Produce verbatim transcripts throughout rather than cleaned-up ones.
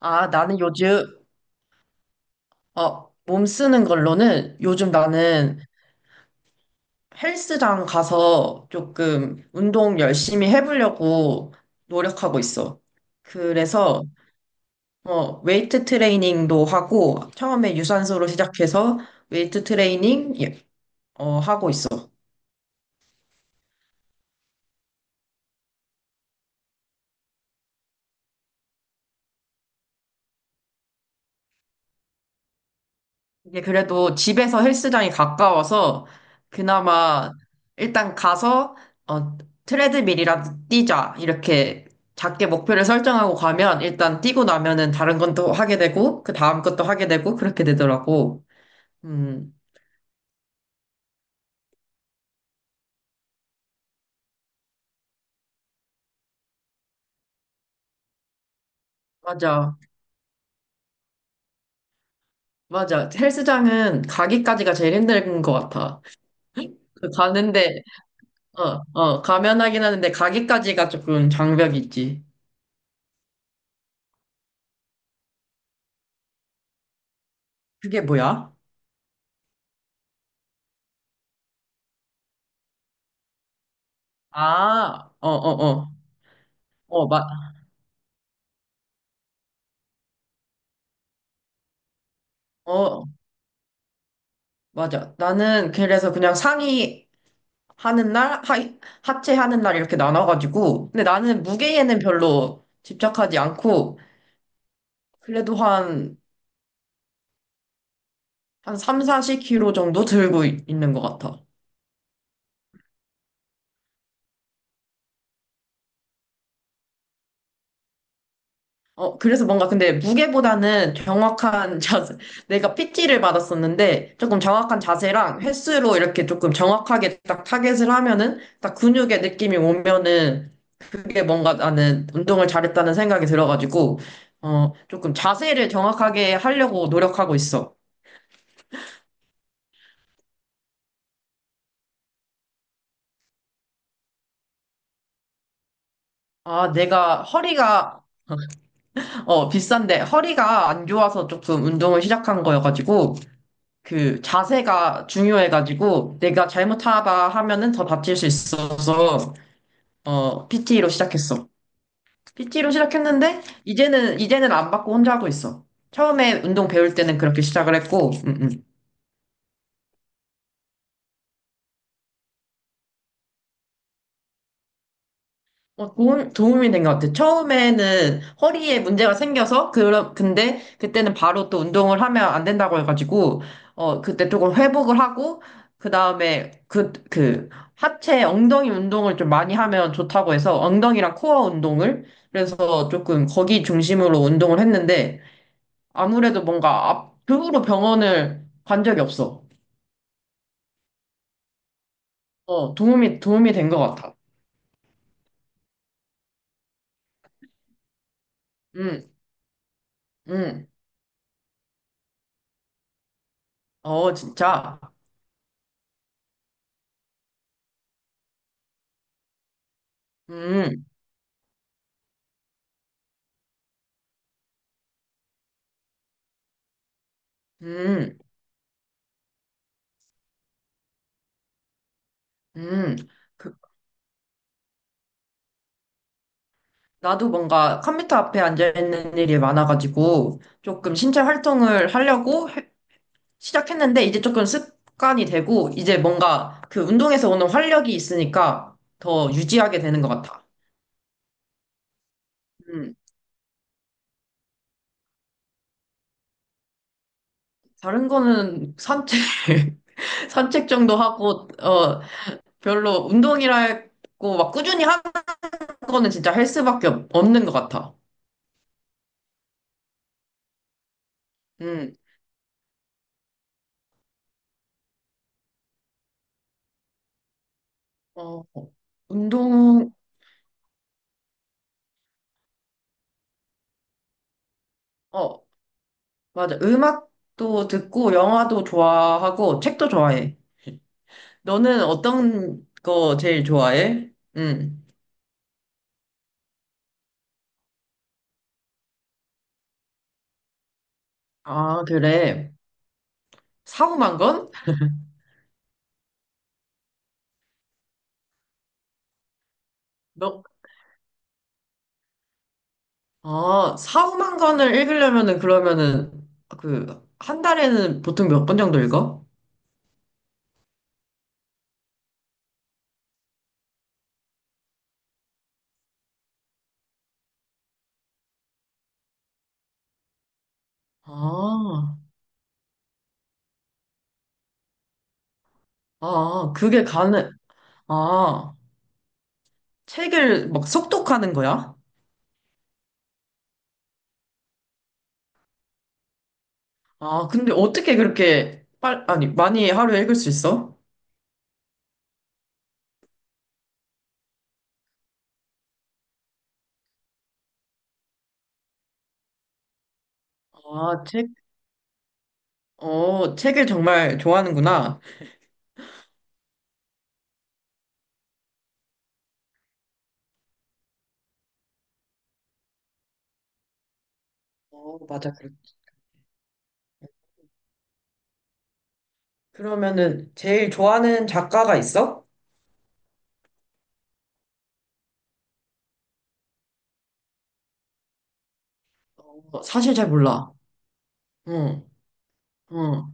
아, 나는 요즘, 어, 몸 쓰는 걸로는 요즘 나는 헬스장 가서 조금 운동 열심히 해보려고 노력하고 있어. 그래서, 어, 웨이트 트레이닝도 하고, 처음에 유산소로 시작해서 웨이트 트레이닝, 예, 어, 하고 있어. 이게 그래도 집에서 헬스장이 가까워서 그나마 일단 가서 어, 트레드밀이라도 뛰자 이렇게 작게 목표를 설정하고 가면 일단 뛰고 나면은 다른 건 또 하게 되고 그 다음 것도 하게 되고 그렇게 되더라고. 음, 맞아. 맞아. 헬스장은 가기까지가 제일 힘든 것 같아. 그 가는데 어, 어, 가면 하긴 하는데 가기까지가 조금 장벽이 있지. 그게 뭐야? 아, 어, 어, 어. 어, 맞, 어, 맞아. 나는 그래서 그냥 상의 하는 날, 하 하체 하는 날 이렇게 나눠가지고. 근데 나는 무게에는 별로 집착하지 않고, 그래도 한, 한 삼, 사십 킬로그램 정도 들고 있- 있는 것 같아. 어, 그래서 뭔가 근데 무게보다는 정확한 자세, 내가 피티를 받았었는데, 조금 정확한 자세랑 횟수로 이렇게 조금 정확하게 딱 타겟을 하면은, 딱 근육의 느낌이 오면은, 그게 뭔가 나는 운동을 잘했다는 생각이 들어가지고, 어, 조금 자세를 정확하게 하려고 노력하고 있어. 아, 내가 허리가, 어, 비싼데 허리가 안 좋아서 조금 운동을 시작한 거여가지고, 그 자세가 중요해가지고, 내가 잘못하다 하면은 더 다칠 수 있어서, 어, 피티로 시작했어. 피티로 시작했는데, 이제는, 이제는 안 받고 혼자 하고 있어. 처음에 운동 배울 때는 그렇게 시작을 했고, 음, 음. 어, 도움, 도움이 된 것 같아요. 처음에는 허리에 문제가 생겨서, 그런, 근데 그때는 바로 또 운동을 하면 안 된다고 해가지고, 어, 그때 조금 회복을 하고, 그 다음에 그, 그, 하체 엉덩이 운동을 좀 많이 하면 좋다고 해서, 엉덩이랑 코어 운동을, 그래서 조금 거기 중심으로 운동을 했는데, 아무래도 뭔가 앞, 그 후로 병원을 간 적이 없어. 어, 도움이, 도움이 된 것 같아. 음, 음, 어, 진짜. 음, 음. 음, 그, 나도 뭔가 컴퓨터 앞에 앉아있는 일이 많아가지고 조금 신체 활동을 하려고 해- 시작했는데 이제 조금 습관이 되고 이제 뭔가 그 운동에서 오는 활력이 있으니까 더 유지하게 되는 것 같아. 음, 다른 거는 산책, 산책 정도 하고, 어, 별로 운동이라고 막 꾸준히 하는 거는 진짜 헬스밖에 없- 없는 것 같아. 음, 어, 운동, 어, 맞아. 음악도 듣고, 영화도 좋아하고, 책도 좋아해. 너는 어떤 거 제일 좋아해? 응. 아, 그래. 사후만 건? 너, 아, 사후만 건을 읽으려면은, 그러면은, 그, 한 달에는 보통 몇 권 정도 읽어? 아, 아, 그게 가능, 아, 책을 막 속독하는 거야? 아, 근데 어떻게 그렇게 빨, 아니, 많이 하루에 읽을 수 있어? 아, 책, 어, 책을 정말 좋아하는구나. 어, 맞아, 그렇 그러면은 제일 좋아하는 작가가 있어? 어, 사실 잘 몰라. 응, 응,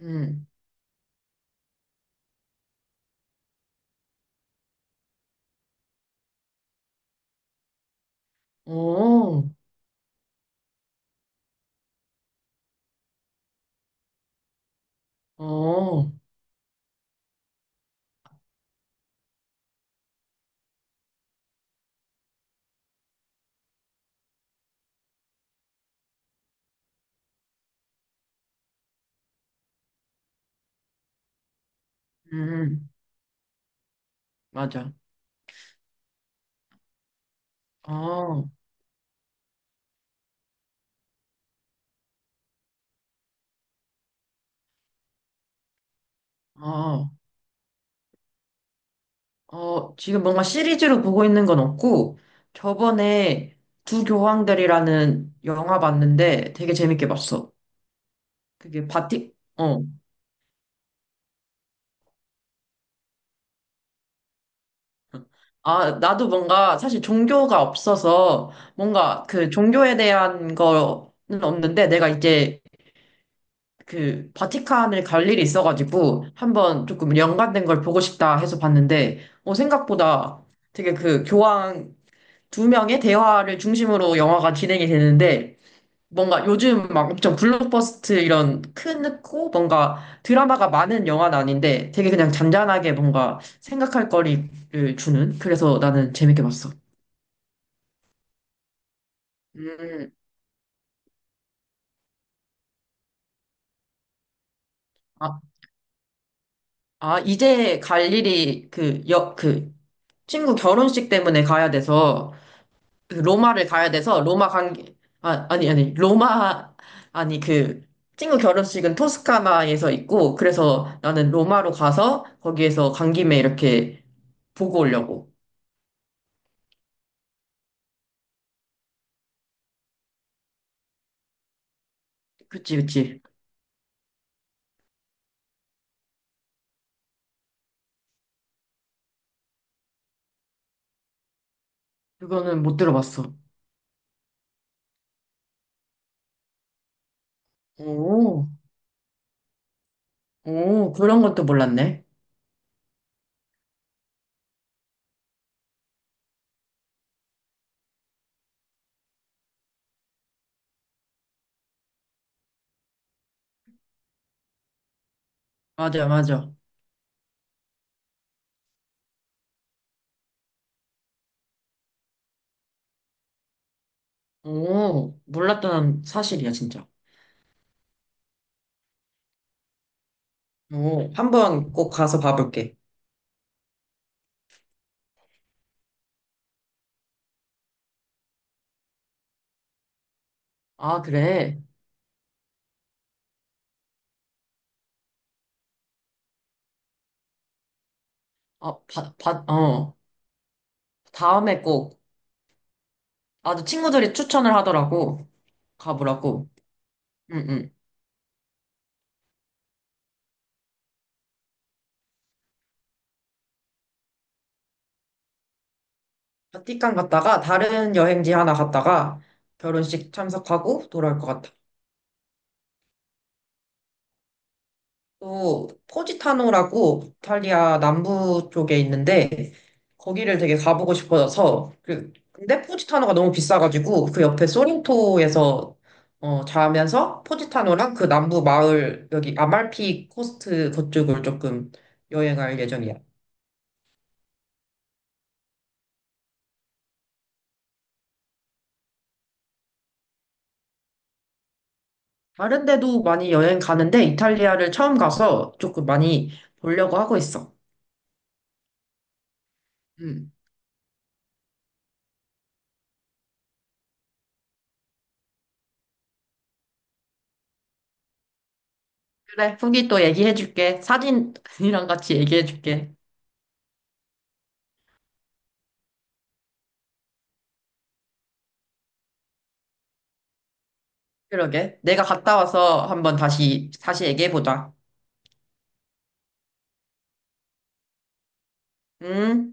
응. 오, 오, 음, 맞아. 어, 어, 어, 지금 뭔가 시리즈로 보고 있는 건 없고, 저번에 두 교황들이라는 영화 봤는데 되게 재밌게 봤어. 그게 바티, 어. 아, 나도 뭔가 사실 종교가 없어서 뭔가 그 종교에 대한 거는 없는데 내가 이제 그 바티칸을 갈 일이 있어가지고 한번 조금 연관된 걸 보고 싶다 해서 봤는데 어, 생각보다 되게 그 교황 두 명의 대화를 중심으로 영화가 진행이 되는데 뭔가 요즘 막 엄청 블록버스트 이런 크고 뭔가 드라마가 많은 영화는 아닌데 되게 그냥 잔잔하게 뭔가 생각할 거리를 주는 그래서 나는 재밌게 봤어. 음, 아, 아, 이제 갈 일이 그, 여, 그 친구 결혼식 때문에 가야 돼서 로마를 가야 돼서 로마 관계 아, 아니 아니 로마 아니 그 친구 결혼식은 토스카나에서 있고 그래서 나는 로마로 가서 거기에서 간 김에 이렇게 보고 오려고. 그치 그치. 그거는 못 들어봤어. 오, 오 그런 것도 몰랐네. 맞아 맞아. 오 몰랐던 사실이야 진짜. 오 한번 꼭 가서 봐볼게. 아 그래. 아, 바, 바, 어 다음에 꼭. 나도 친구들이 추천을 하더라고. 가보라고. 응응. 바티칸 갔다가 다른 여행지 하나 갔다가 결혼식 참석하고 돌아올 것 같아. 또 포지타노라고 이탈리아 남부 쪽에 있는데 거기를 되게 가보고 싶어서 그 근데 포지타노가 너무 비싸가지고 그 옆에 소린토에서 어, 자면서 포지타노랑 그 남부 마을 여기 아말피 코스트 그쪽을 조금 여행할 예정이야. 다른 데도 많이 여행 가는데 이탈리아를 처음 가서 조금 많이 보려고 하고 있어. 음. 그래, 후기 또 얘기해줄게. 사진이랑 같이 얘기해줄게. 그러게. 내가 갔다 와서 한번 다시, 다시 얘기해보자. 응?